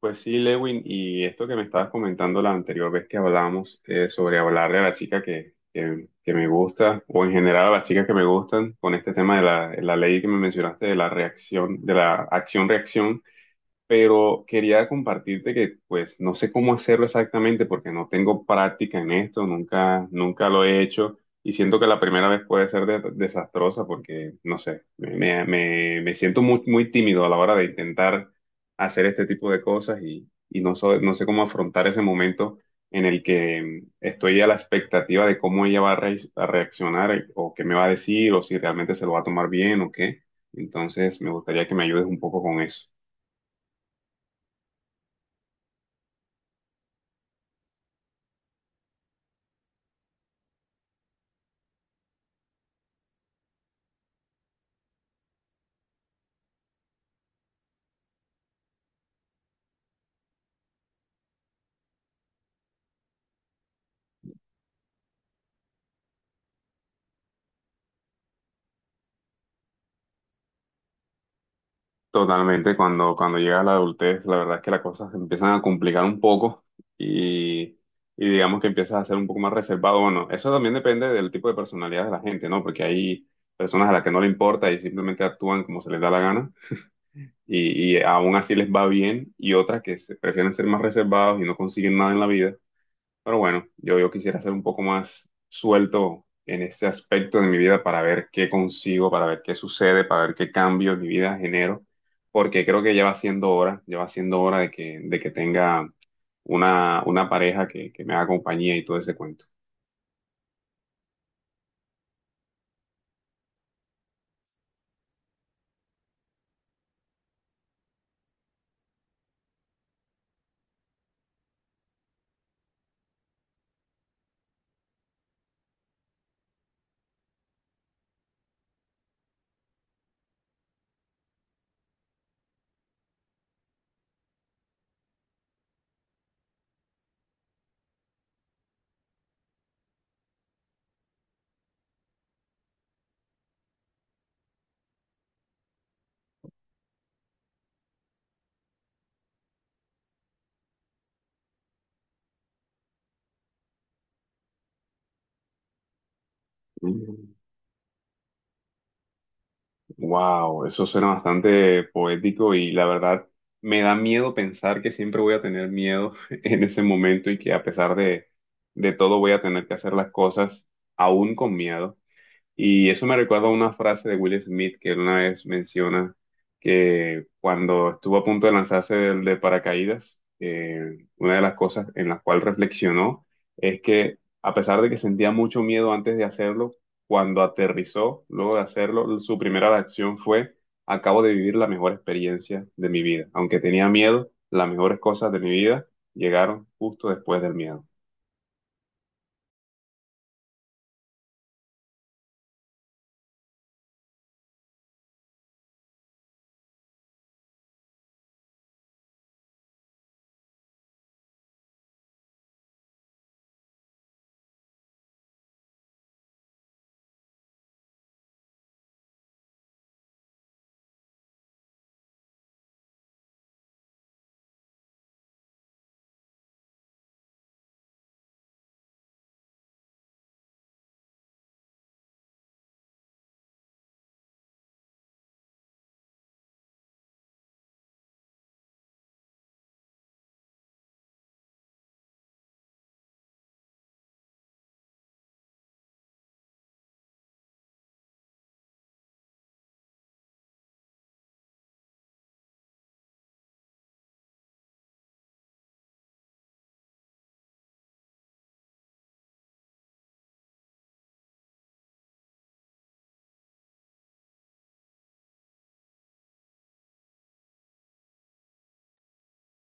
Pues sí, Lewin, y esto que me estabas comentando la anterior vez que hablamos sobre hablarle a la chica que me gusta, o en general a las chicas que me gustan, con este tema de la ley que me mencionaste de la reacción, de la acción-reacción, pero quería compartirte que pues no sé cómo hacerlo exactamente porque no tengo práctica en esto, nunca lo he hecho y siento que la primera vez puede ser desastrosa porque no sé, me siento muy tímido a la hora de intentar hacer este tipo de cosas y no, no sé cómo afrontar ese momento en el que estoy a la expectativa de cómo ella va a reaccionar o qué me va a decir o si realmente se lo va a tomar bien o qué. Entonces me gustaría que me ayudes un poco con eso. Totalmente, cuando llega la adultez, la verdad es que las cosas se empiezan a complicar un poco y, y digamos que empiezas a ser un poco más reservado. Bueno, eso también depende del tipo de personalidad de la gente, ¿no? Porque hay personas a las que no le importa y simplemente actúan como se les da la gana y aún así les va bien y otras que se prefieren ser más reservados y no consiguen nada en la vida, pero bueno, yo quisiera ser un poco más suelto en este aspecto de mi vida para ver qué consigo, para ver qué sucede, para ver qué cambio en mi vida genero, porque creo que ya va siendo hora, ya va siendo hora de de que tenga una pareja que me haga compañía y todo ese cuento. Wow, eso suena bastante poético y la verdad me da miedo pensar que siempre voy a tener miedo en ese momento y que a pesar de todo voy a tener que hacer las cosas aún con miedo. Y eso me recuerda a una frase de Will Smith que él una vez menciona que cuando estuvo a punto de lanzarse paracaídas, una de las cosas en las cuales reflexionó es que a pesar de que sentía mucho miedo antes de hacerlo, cuando aterrizó, luego de hacerlo, su primera reacción fue, acabo de vivir la mejor experiencia de mi vida. Aunque tenía miedo, las mejores cosas de mi vida llegaron justo después del miedo.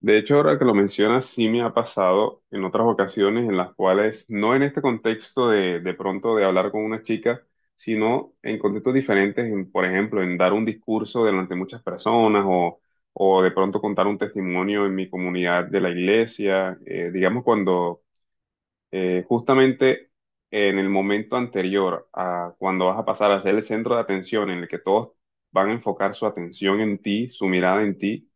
De hecho, ahora que lo mencionas, sí me ha pasado en otras ocasiones en las cuales, no en este contexto de pronto de hablar con una chica, sino en contextos diferentes, en, por ejemplo, en dar un discurso delante de muchas personas o de pronto contar un testimonio en mi comunidad de la iglesia, digamos cuando justamente en el momento anterior a cuando vas a pasar a ser el centro de atención en el que todos van a enfocar su atención en ti, su mirada en ti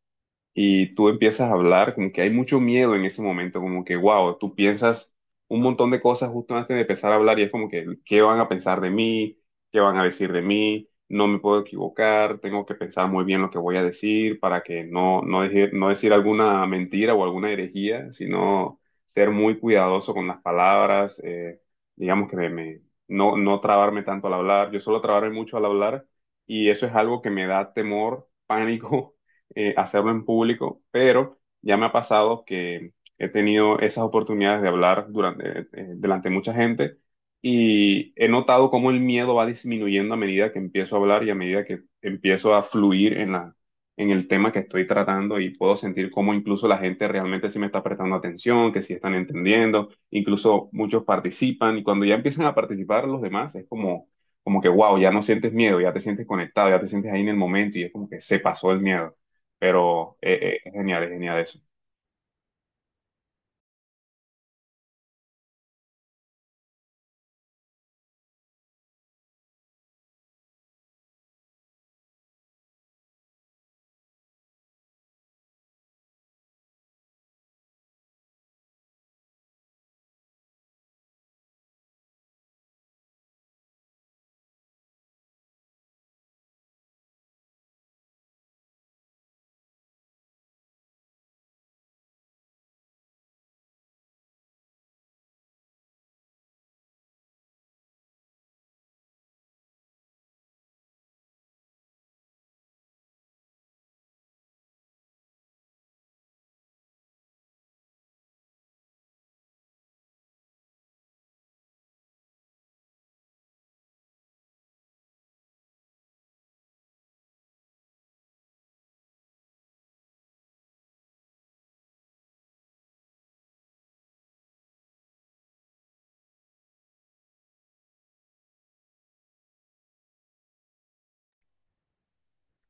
y tú empiezas a hablar, como que hay mucho miedo en ese momento, como que, wow, tú piensas un montón de cosas justo antes de empezar a hablar y es como que, ¿qué van a pensar de mí? ¿Qué van a decir de mí? No me puedo equivocar, tengo que pensar muy bien lo que voy a decir para que no decir alguna mentira o alguna herejía, sino ser muy cuidadoso con las palabras, digamos que no, no trabarme tanto al hablar, yo suelo trabarme mucho al hablar y eso es algo que me da temor, pánico hacerlo en público, pero ya me ha pasado que he tenido esas oportunidades de hablar durante, delante de mucha gente y he notado cómo el miedo va disminuyendo a medida que empiezo a hablar y a medida que empiezo a fluir en en el tema que estoy tratando y puedo sentir cómo incluso la gente realmente sí me está prestando atención, que sí están entendiendo, incluso muchos participan y cuando ya empiezan a participar los demás es como, como que wow, ya no sientes miedo, ya te sientes conectado, ya te sientes ahí en el momento y es como que se pasó el miedo. Pero es genial eso.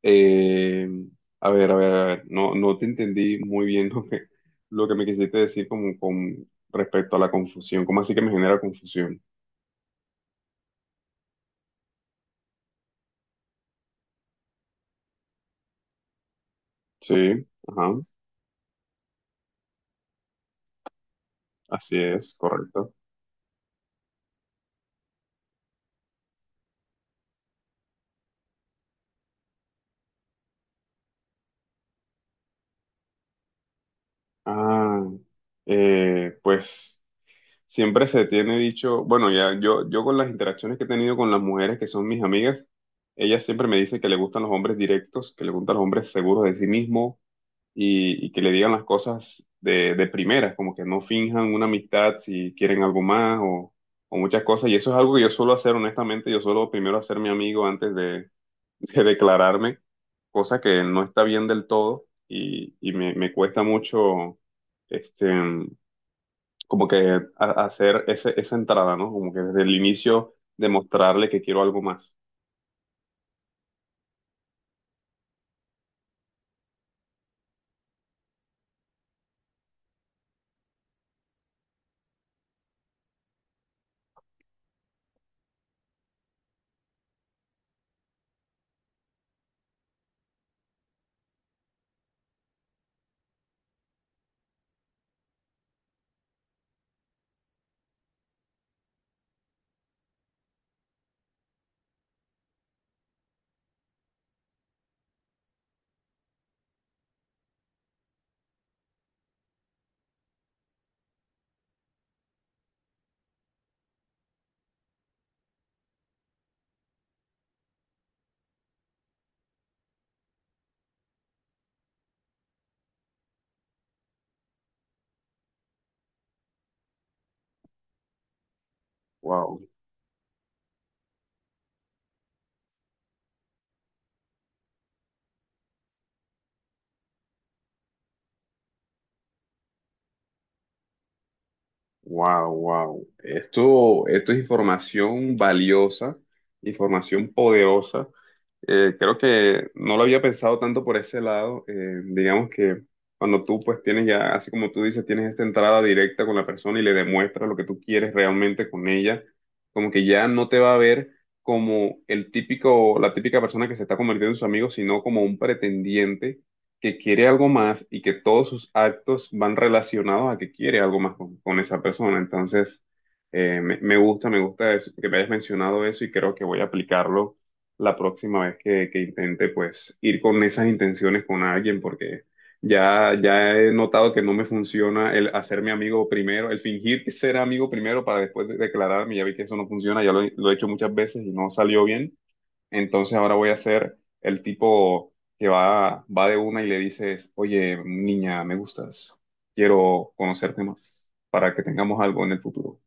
Eh, a ver, a ver, a ver, no, no te entendí muy bien lo lo que me quisiste decir como con respecto a la confusión. ¿Cómo así que me genera confusión? Sí, ajá, así es, correcto. Ah, pues siempre se tiene dicho, bueno, ya yo con las interacciones que he tenido con las mujeres que son mis amigas, ellas siempre me dicen que le gustan los hombres directos, que le gustan los hombres seguros de sí mismos y que le digan las cosas de primeras, como que no finjan una amistad si quieren algo más o muchas cosas. Y eso es algo que yo suelo hacer, honestamente, yo suelo primero hacer mi amigo de declararme, cosa que no está bien del todo y, me cuesta mucho, este, como que hacer ese, esa entrada, ¿no? Como que desde el inicio demostrarle que quiero algo más. Wow. Wow, wow. Esto es información valiosa, información poderosa. Creo que no lo había pensado tanto por ese lado. Digamos que cuando tú pues tienes ya, así como tú dices, tienes esta entrada directa con la persona y le demuestras lo que tú quieres realmente con ella, como que ya no te va a ver como el típico, la típica persona que se está convirtiendo en su amigo, sino como un pretendiente que quiere algo más y que todos sus actos van relacionados a que quiere algo más con esa persona. Entonces, me gusta eso, que me hayas mencionado eso y creo que voy a aplicarlo la próxima vez que intente, pues, ir con esas intenciones con alguien, porque ya he notado que no me funciona el hacerme amigo primero, el fingir que ser amigo primero para después declararme, ya vi que eso no funciona, ya lo he hecho muchas veces y no salió bien. Entonces ahora voy a ser el tipo que va de una y le dices, oye, niña, me gustas, quiero conocerte más para que tengamos algo en el futuro.